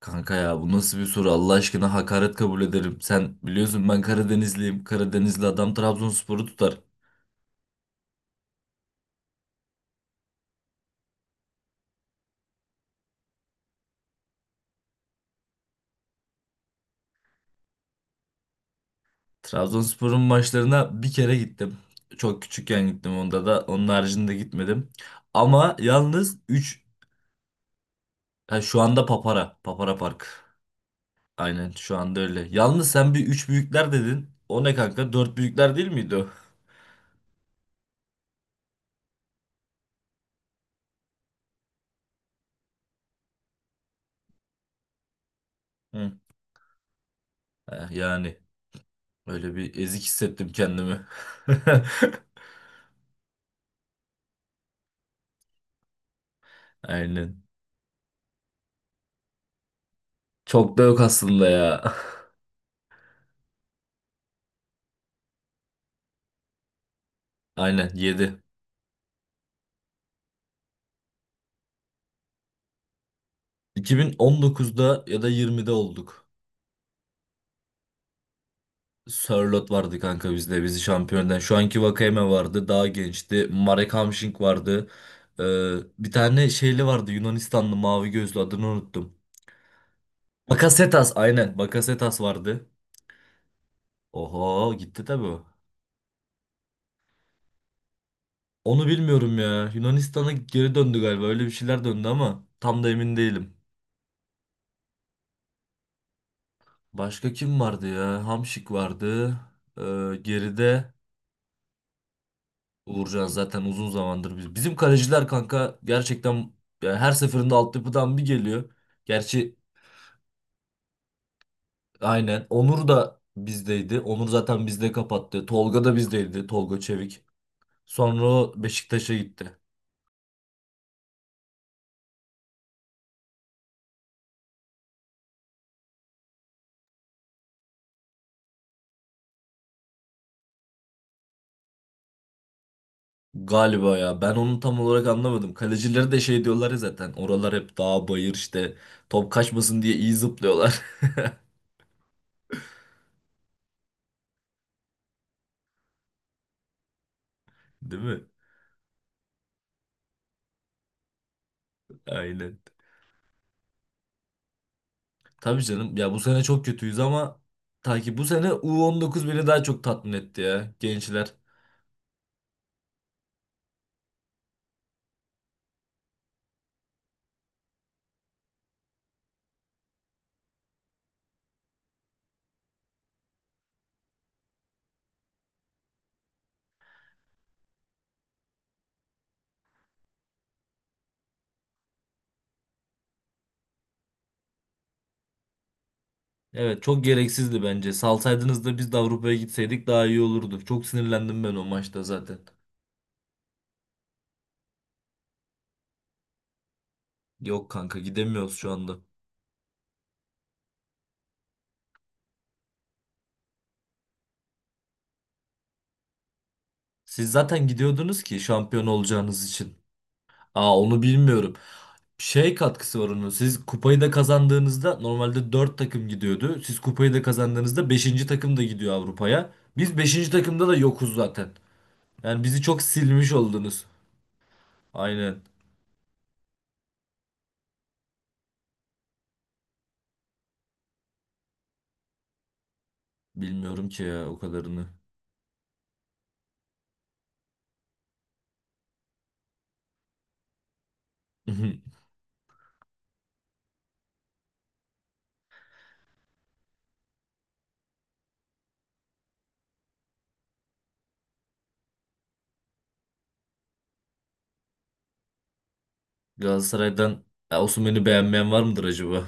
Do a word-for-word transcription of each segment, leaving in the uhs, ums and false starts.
Kanka ya bu nasıl bir soru, Allah aşkına, hakaret kabul ederim. Sen biliyorsun ben Karadenizliyim. Karadenizli adam Trabzonspor'u tutar. Trabzonspor'un maçlarına bir kere gittim. Çok küçükken gittim onda da. Onun haricinde gitmedim. Ama yalnız üç, şu anda Papara. Papara Park. Aynen, şu anda öyle. Yalnız sen bir üç büyükler dedin. O ne kanka? Dört büyükler değil miydi o? Hı. Eh, Yani öyle bir ezik hissettim kendimi. Aynen. Çok da yok aslında ya. Aynen yedi. iki bin on dokuzda ya da yirmide olduk. Sörloth vardı kanka bizde bizi şampiyondan. Şu anki Vakayeme vardı, daha gençti. Marek Hamšík vardı. Ee, Bir tane şeyli vardı, Yunanistanlı mavi gözlü, adını unuttum. Bakasetas, aynen, Bakasetas vardı. Oho, gitti tabii o. Onu bilmiyorum ya. Yunanistan'a geri döndü galiba, öyle bir şeyler, döndü ama tam da emin değilim. Başka kim vardı ya? Hamşik vardı. Ee, geride. Uğurcan zaten uzun zamandır biz. Bizim kaleciler kanka, gerçekten yani her seferinde altyapıdan bir geliyor. Gerçi aynen. Onur da bizdeydi. Onur zaten bizde kapattı. Tolga da bizdeydi. Tolga Çevik. Sonra o Beşiktaş'a gitti. Galiba ya. Ben onu tam olarak anlamadım. Kalecileri de şey diyorlar ya zaten. Oralar hep dağ bayır işte. Top kaçmasın diye iyi zıplıyorlar. Değil mi? Aynen. Tabii canım. Ya bu sene çok kötüyüz ama ta ki bu sene U on dokuz beni daha çok tatmin etti ya. Gençler. Evet, çok gereksizdi bence. Salsaydınız da biz de Avrupa'ya gitseydik daha iyi olurdu. Çok sinirlendim ben o maçta zaten. Yok kanka, gidemiyoruz şu anda. Siz zaten gidiyordunuz ki, şampiyon olacağınız için. Aa, onu bilmiyorum. Şey, katkısı var onun. Siz kupayı da kazandığınızda normalde dört takım gidiyordu. Siz kupayı da kazandığınızda beşinci takım da gidiyor Avrupa'ya. Biz beşinci takımda da yokuz zaten. Yani bizi çok silmiş oldunuz. Aynen. Bilmiyorum ki ya, o kadarını. Galatasaray'dan, ya Osimhen'i beğenmeyen var mıdır acaba?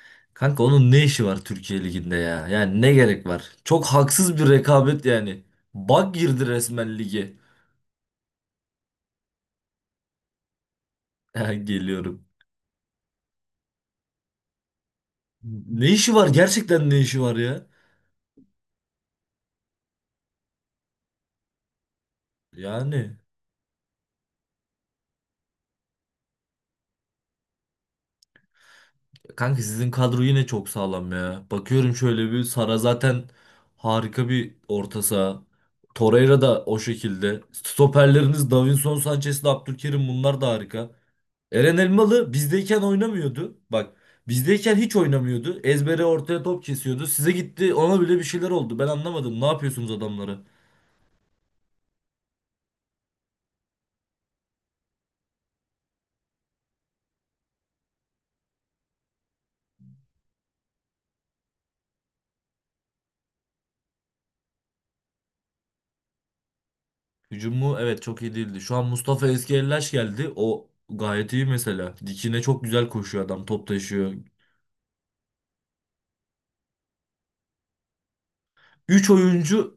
Kanka onun ne işi var Türkiye Ligi'nde ya? Yani ne gerek var? Çok haksız bir rekabet yani. Bak, girdi resmen lige. Ya geliyorum. Ne işi var? Gerçekten ne işi var ya? Yani kanka sizin kadro yine çok sağlam ya. Bakıyorum şöyle bir, Sara zaten harika bir orta saha. Torreira da o şekilde. Stoperleriniz Davinson Sanchez'le Abdülkerim, bunlar da harika. Eren Elmalı bizdeyken oynamıyordu. Bak, bizdeyken hiç oynamıyordu. Ezbere ortaya top kesiyordu. Size gitti, ona bile bir şeyler oldu. Ben anlamadım. Ne yapıyorsunuz adamları? Hücum Evet, çok iyi değildi. Şu an Mustafa Eskiellaş geldi. O gayet iyi mesela. Dikine çok güzel koşuyor adam. Top taşıyor. Üç oyuncu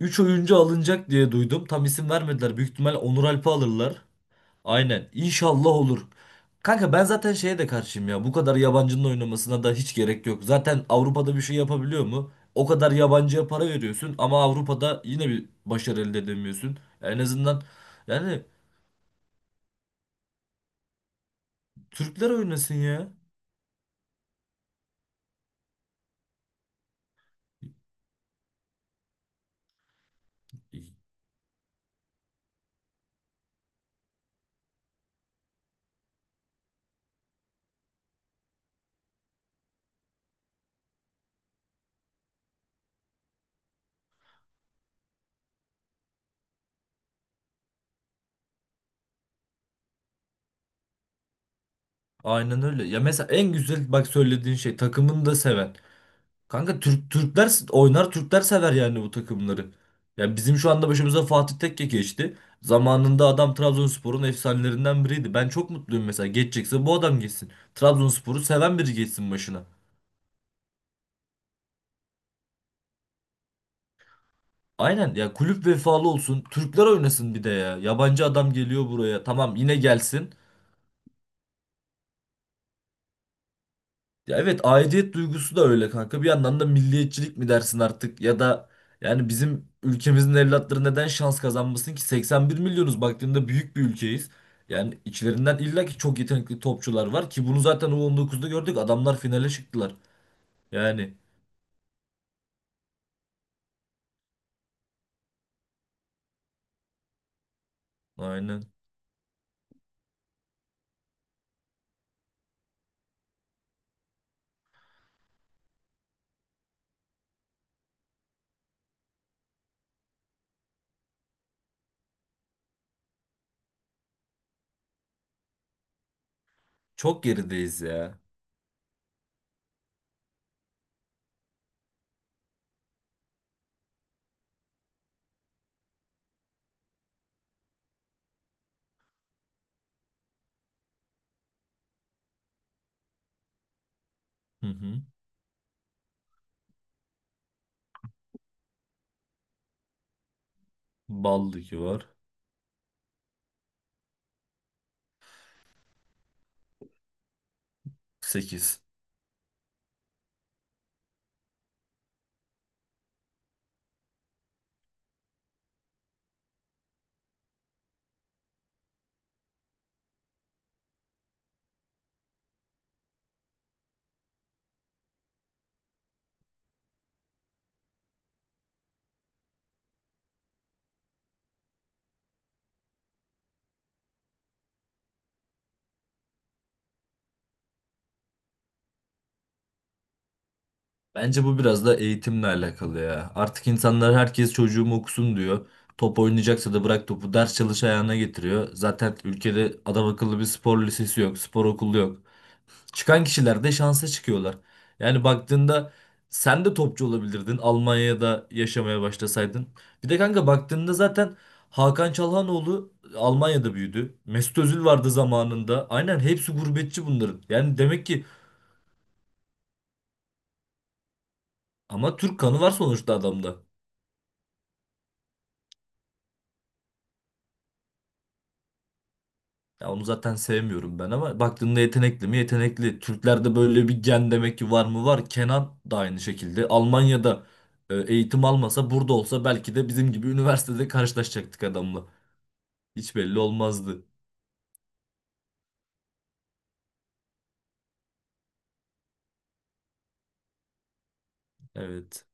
üç oyuncu alınacak diye duydum. Tam isim vermediler. Büyük ihtimal Onur Alp'i alırlar. Aynen. İnşallah olur. Kanka ben zaten şeye de karşıyım ya. Bu kadar yabancının oynamasına da hiç gerek yok. Zaten Avrupa'da bir şey yapabiliyor mu? O kadar yabancıya para veriyorsun ama Avrupa'da yine bir başarı elde edemiyorsun. En azından yani, Türkler oynasın ya. Aynen öyle. Ya mesela en güzel, bak, söylediğin şey, takımını da seven. Kanka Türk Türkler s- oynar, Türkler sever yani bu takımları. Yani bizim şu anda başımıza Fatih Tekke geçti. Zamanında adam Trabzonspor'un efsanelerinden biriydi. Ben çok mutluyum mesela. Geçecekse bu adam geçsin. Trabzonspor'u seven biri geçsin başına. Aynen ya, kulüp vefalı olsun. Türkler oynasın bir de ya. Yabancı adam geliyor buraya. Tamam, yine gelsin. Ya evet, aidiyet duygusu da öyle kanka. Bir yandan da milliyetçilik mi dersin artık, ya da yani bizim ülkemizin evlatları neden şans kazanmasın ki? seksen bir milyonuz, baktığında büyük bir ülkeyiz. Yani içlerinden illa ki çok yetenekli topçular var ki bunu zaten u on dokuzda gördük. Adamlar finale çıktılar. Yani aynen. Çok gerideyiz ya. Hı hı. Ballı ki var. sekiz. Bence bu biraz da eğitimle alakalı ya. Artık insanlar, herkes çocuğum okusun diyor. Top oynayacaksa da bırak topu ders çalış ayağına getiriyor. Zaten ülkede adam akıllı bir spor lisesi yok, spor okulu yok. Çıkan kişiler de şansa çıkıyorlar. Yani baktığında sen de topçu olabilirdin Almanya'da yaşamaya başlasaydın. Bir de kanka baktığında zaten Hakan Çalhanoğlu Almanya'da büyüdü. Mesut Özil vardı zamanında. Aynen, hepsi gurbetçi bunların. Yani demek ki, ama Türk kanı var sonuçta adamda. Ya onu zaten sevmiyorum ben ama baktığında yetenekli mi? Yetenekli. Türklerde böyle bir gen demek ki var mı? Var. Kenan da aynı şekilde. Almanya'da e, eğitim almasa burada olsa, belki de bizim gibi üniversitede karşılaşacaktık adamla. Hiç belli olmazdı. Evet.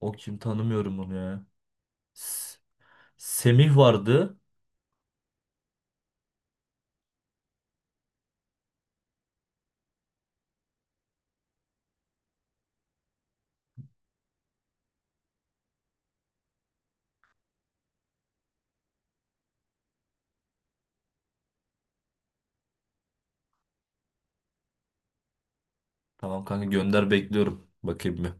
O kim, tanımıyorum onu ya. S- Semih vardı. Tamam kanka, gönder, bekliyorum. Bakayım bir.